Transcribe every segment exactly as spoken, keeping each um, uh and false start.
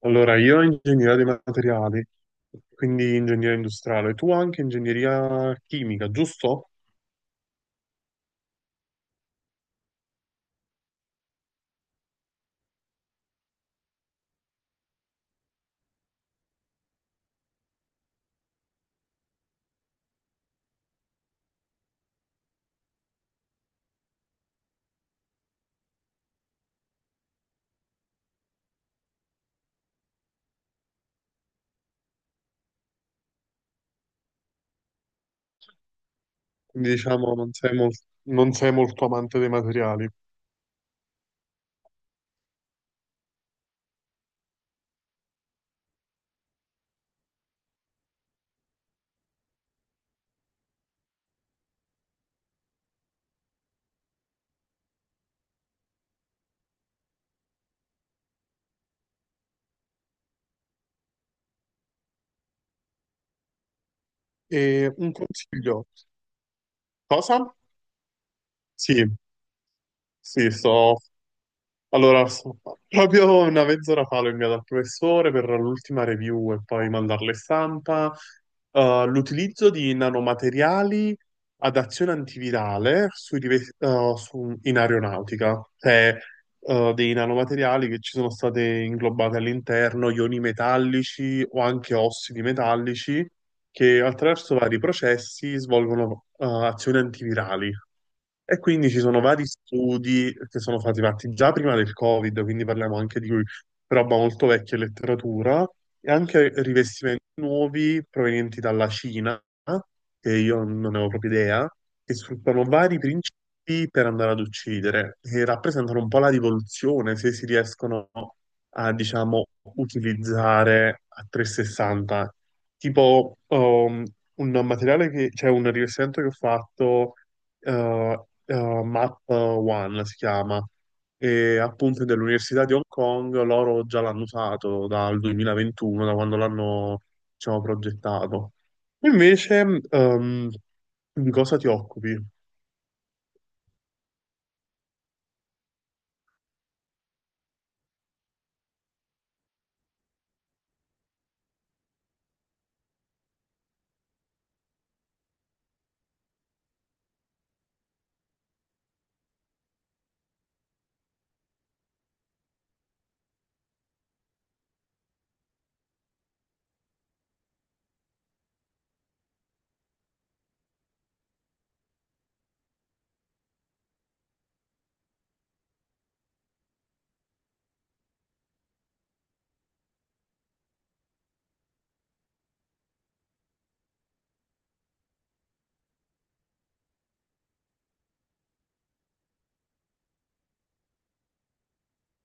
Allora, io ingegneria dei materiali, quindi ingegneria industriale, tu anche ingegneria chimica, giusto? Quindi diciamo non sei, mol- non sei molto amante dei materiali. E un consiglio, cosa? Sì, sì, sto Allora, so- Proprio una mezz'ora fa l'ho inviato al professore per l'ultima review e poi mandarle stampa. Eh, l'utilizzo di nanomateriali ad azione antivirale sui rive- eh, su- in aeronautica, cioè eh, dei nanomateriali che ci sono state inglobati all'interno, ioni metallici o anche ossidi metallici, che attraverso vari processi svolgono eh, azioni antivirali. E quindi ci sono vari studi che sono stati fatti già prima del Covid, quindi parliamo anche di roba molto vecchia e letteratura, e anche rivestimenti nuovi provenienti dalla Cina, che io non ne avevo proprio idea, che sfruttano vari principi per andare ad uccidere, che rappresentano un po' la rivoluzione se si riescono a, diciamo, utilizzare a trecentosessanta. Tipo, um, un materiale che, cioè un rivestimento che ho fatto eh, eh, Map One si chiama, e appunto è dell'Università di Hong Kong, loro già l'hanno usato dal duemilaventuno, da quando l'hanno, diciamo, progettato. Invece, ehm, di cosa ti occupi?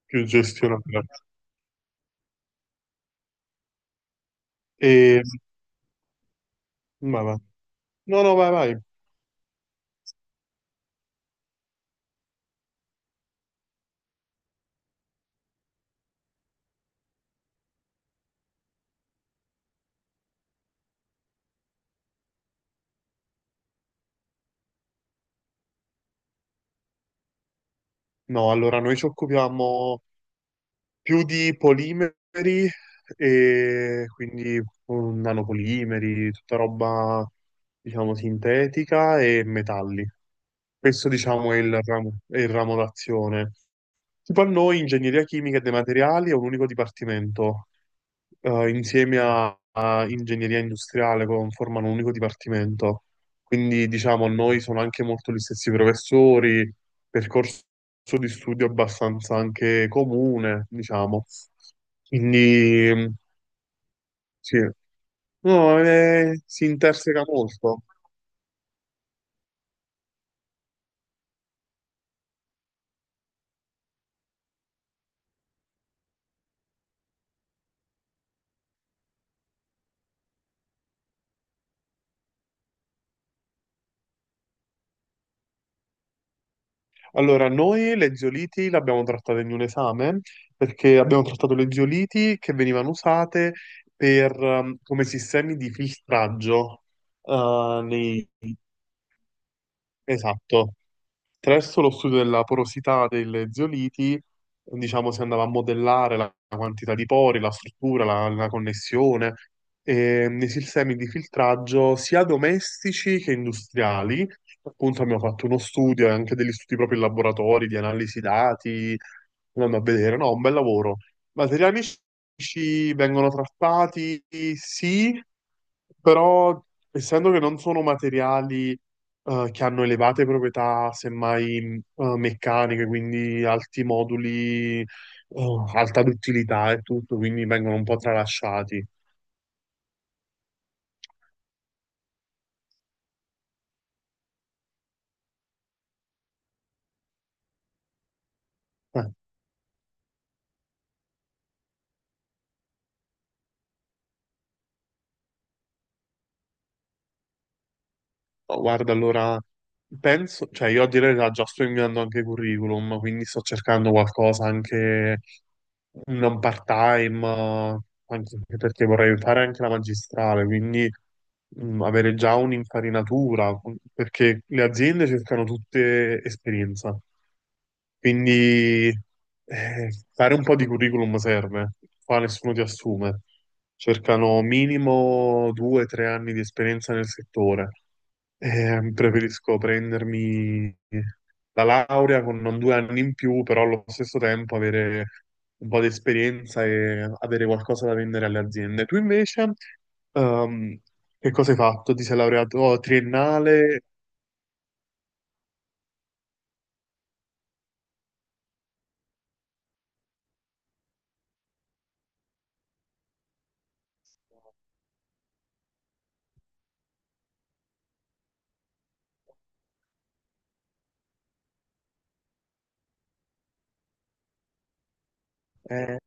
Più gestionale. E, ma va. No, no, vai, vai. No, allora noi ci occupiamo. Più di polimeri e quindi um, nanopolimeri, tutta roba, diciamo, sintetica e metalli. Questo, diciamo, è il ramo, è il ramo d'azione. Tipo a noi, ingegneria chimica e dei materiali è un unico dipartimento eh, insieme a, a ingegneria industriale con- formano un unico dipartimento. Quindi diciamo, a noi sono anche molto gli stessi professori, percorso di studio abbastanza anche comune, diciamo. Quindi mh, sì, no, eh, si interseca molto. Allora, noi le zeoliti le abbiamo trattate in un esame perché abbiamo trattato le zeoliti che venivano usate per, ehm, come sistemi di filtraggio eh, nei, esatto, attraverso lo studio della porosità delle zeoliti, diciamo, si andava a modellare la la quantità di pori, la struttura, la, la connessione, e nei sistemi di filtraggio sia domestici che industriali. Appunto abbiamo fatto uno studio e anche degli studi proprio in laboratori di analisi dati, andando a vedere, no, un bel lavoro. Materiali scientifici vengono trattati, sì, però essendo che non sono materiali eh, che hanno elevate proprietà, semmai, mh, eh, meccaniche, quindi alti moduli, eh, alta duttilità e tutto, quindi vengono un po' tralasciati. Eh, oh, guarda, allora penso, cioè io a dire la verità già sto inviando anche curriculum, quindi sto cercando qualcosa anche non part-time, eh, anche perché vorrei fare anche la magistrale, quindi mh, avere già un'infarinatura, perché le aziende cercano tutte esperienza. Quindi eh, fare un po' di curriculum serve, qua nessuno ti assume. Cercano minimo due o tre anni di esperienza nel settore. Eh, preferisco prendermi la laurea con non due anni in più, però allo stesso tempo avere un po' di esperienza e avere qualcosa da vendere alle aziende. Tu invece, ehm, che cosa hai fatto? Ti sei laureato oh, triennale? Eh,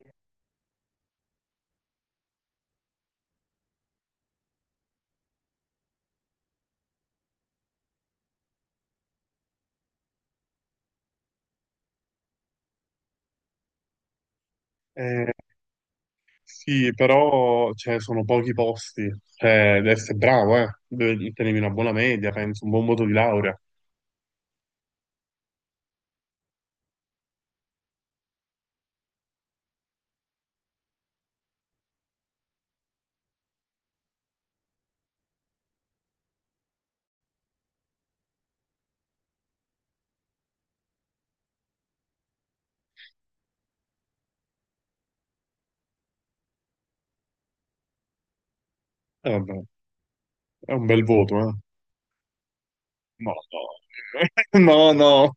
eh, Sì, però cioè, sono pochi posti. Cioè, devi essere bravo, eh. Devi tenermi una buona media, penso, un buon voto di laurea. Eh, vabbè, è un bel voto, eh. No, no. No, no.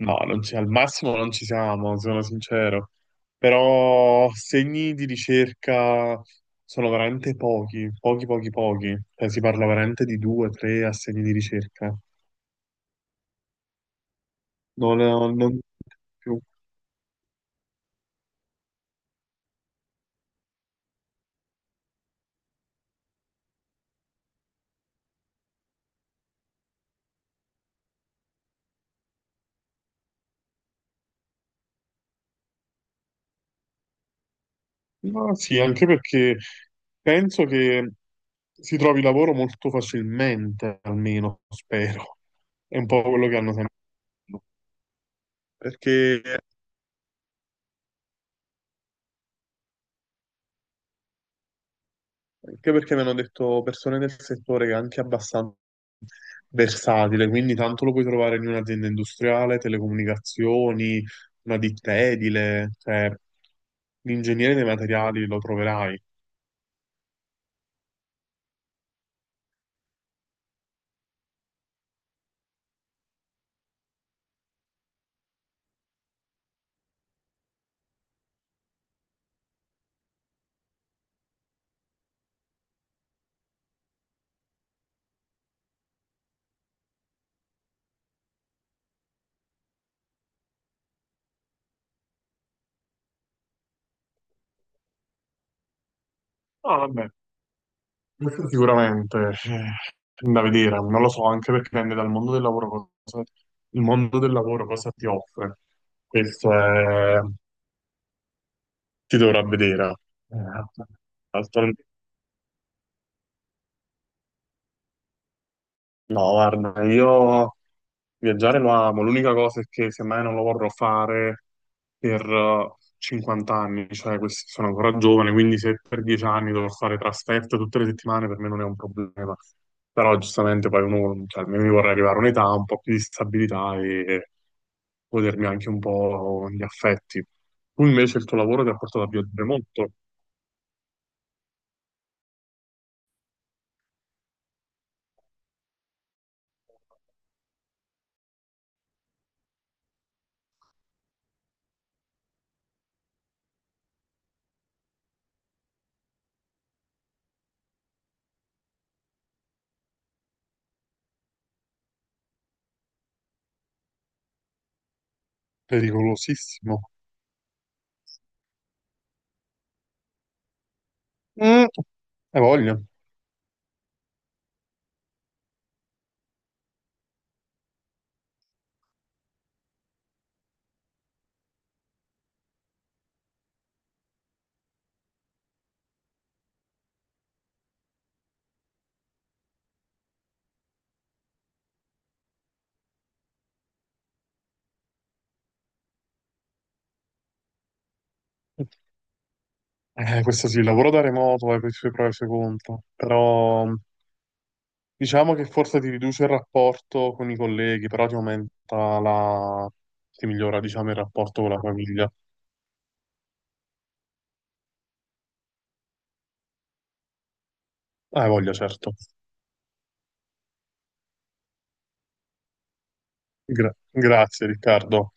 No, non c'è- al massimo non ci siamo, sono sincero. Però segni di ricerca sono veramente pochi, pochi, pochi, pochi. Cioè, si parla veramente di due, tre assegni di ricerca. Non, non più. Ma sì, anche perché penso che si trovi lavoro molto facilmente, almeno spero. È un po' quello che hanno sempre detto. Perché, anche perché mi hanno detto persone del settore che è anche abbastanza versatile, quindi tanto lo puoi trovare in un'azienda industriale, telecomunicazioni, una ditta edile, cioè l'ingegnere dei materiali lo troverai. Ah, vabbè, questo sicuramente eh, da vedere, non lo so, anche perché dipende dal mondo del lavoro cosa, il mondo del lavoro cosa ti offre. Questo è, ti dovrà vedere. Eh, altro- no, guarda, io viaggiare lo amo, l'unica cosa è che semmai non lo vorrò fare per eh, cinquanta anni, cioè questi sono ancora giovane, quindi se per dieci anni dovrò fare trasferte tutte le settimane per me non è un problema. Però giustamente poi uno, cioè, almeno io vorrei arrivare a un'età, un po' più di stabilità e godermi anche un po' gli affetti. Tu invece il tuo lavoro ti ha portato a viaggiare molto, pericolosissimo. Mm, hai voglia. Eh, questo sì, il lavoro da remoto ha i suoi pro e i suoi contro, però diciamo che forse ti riduce il rapporto con i colleghi, però ti aumenta la... ti migliora, diciamo, il rapporto con la famiglia. Ah, voglia, certo. Gra- grazie, Riccardo.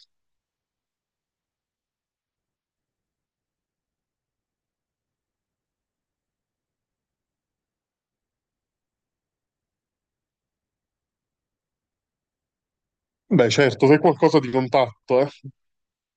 Beh, certo, se è qualcosa di contatto, eh.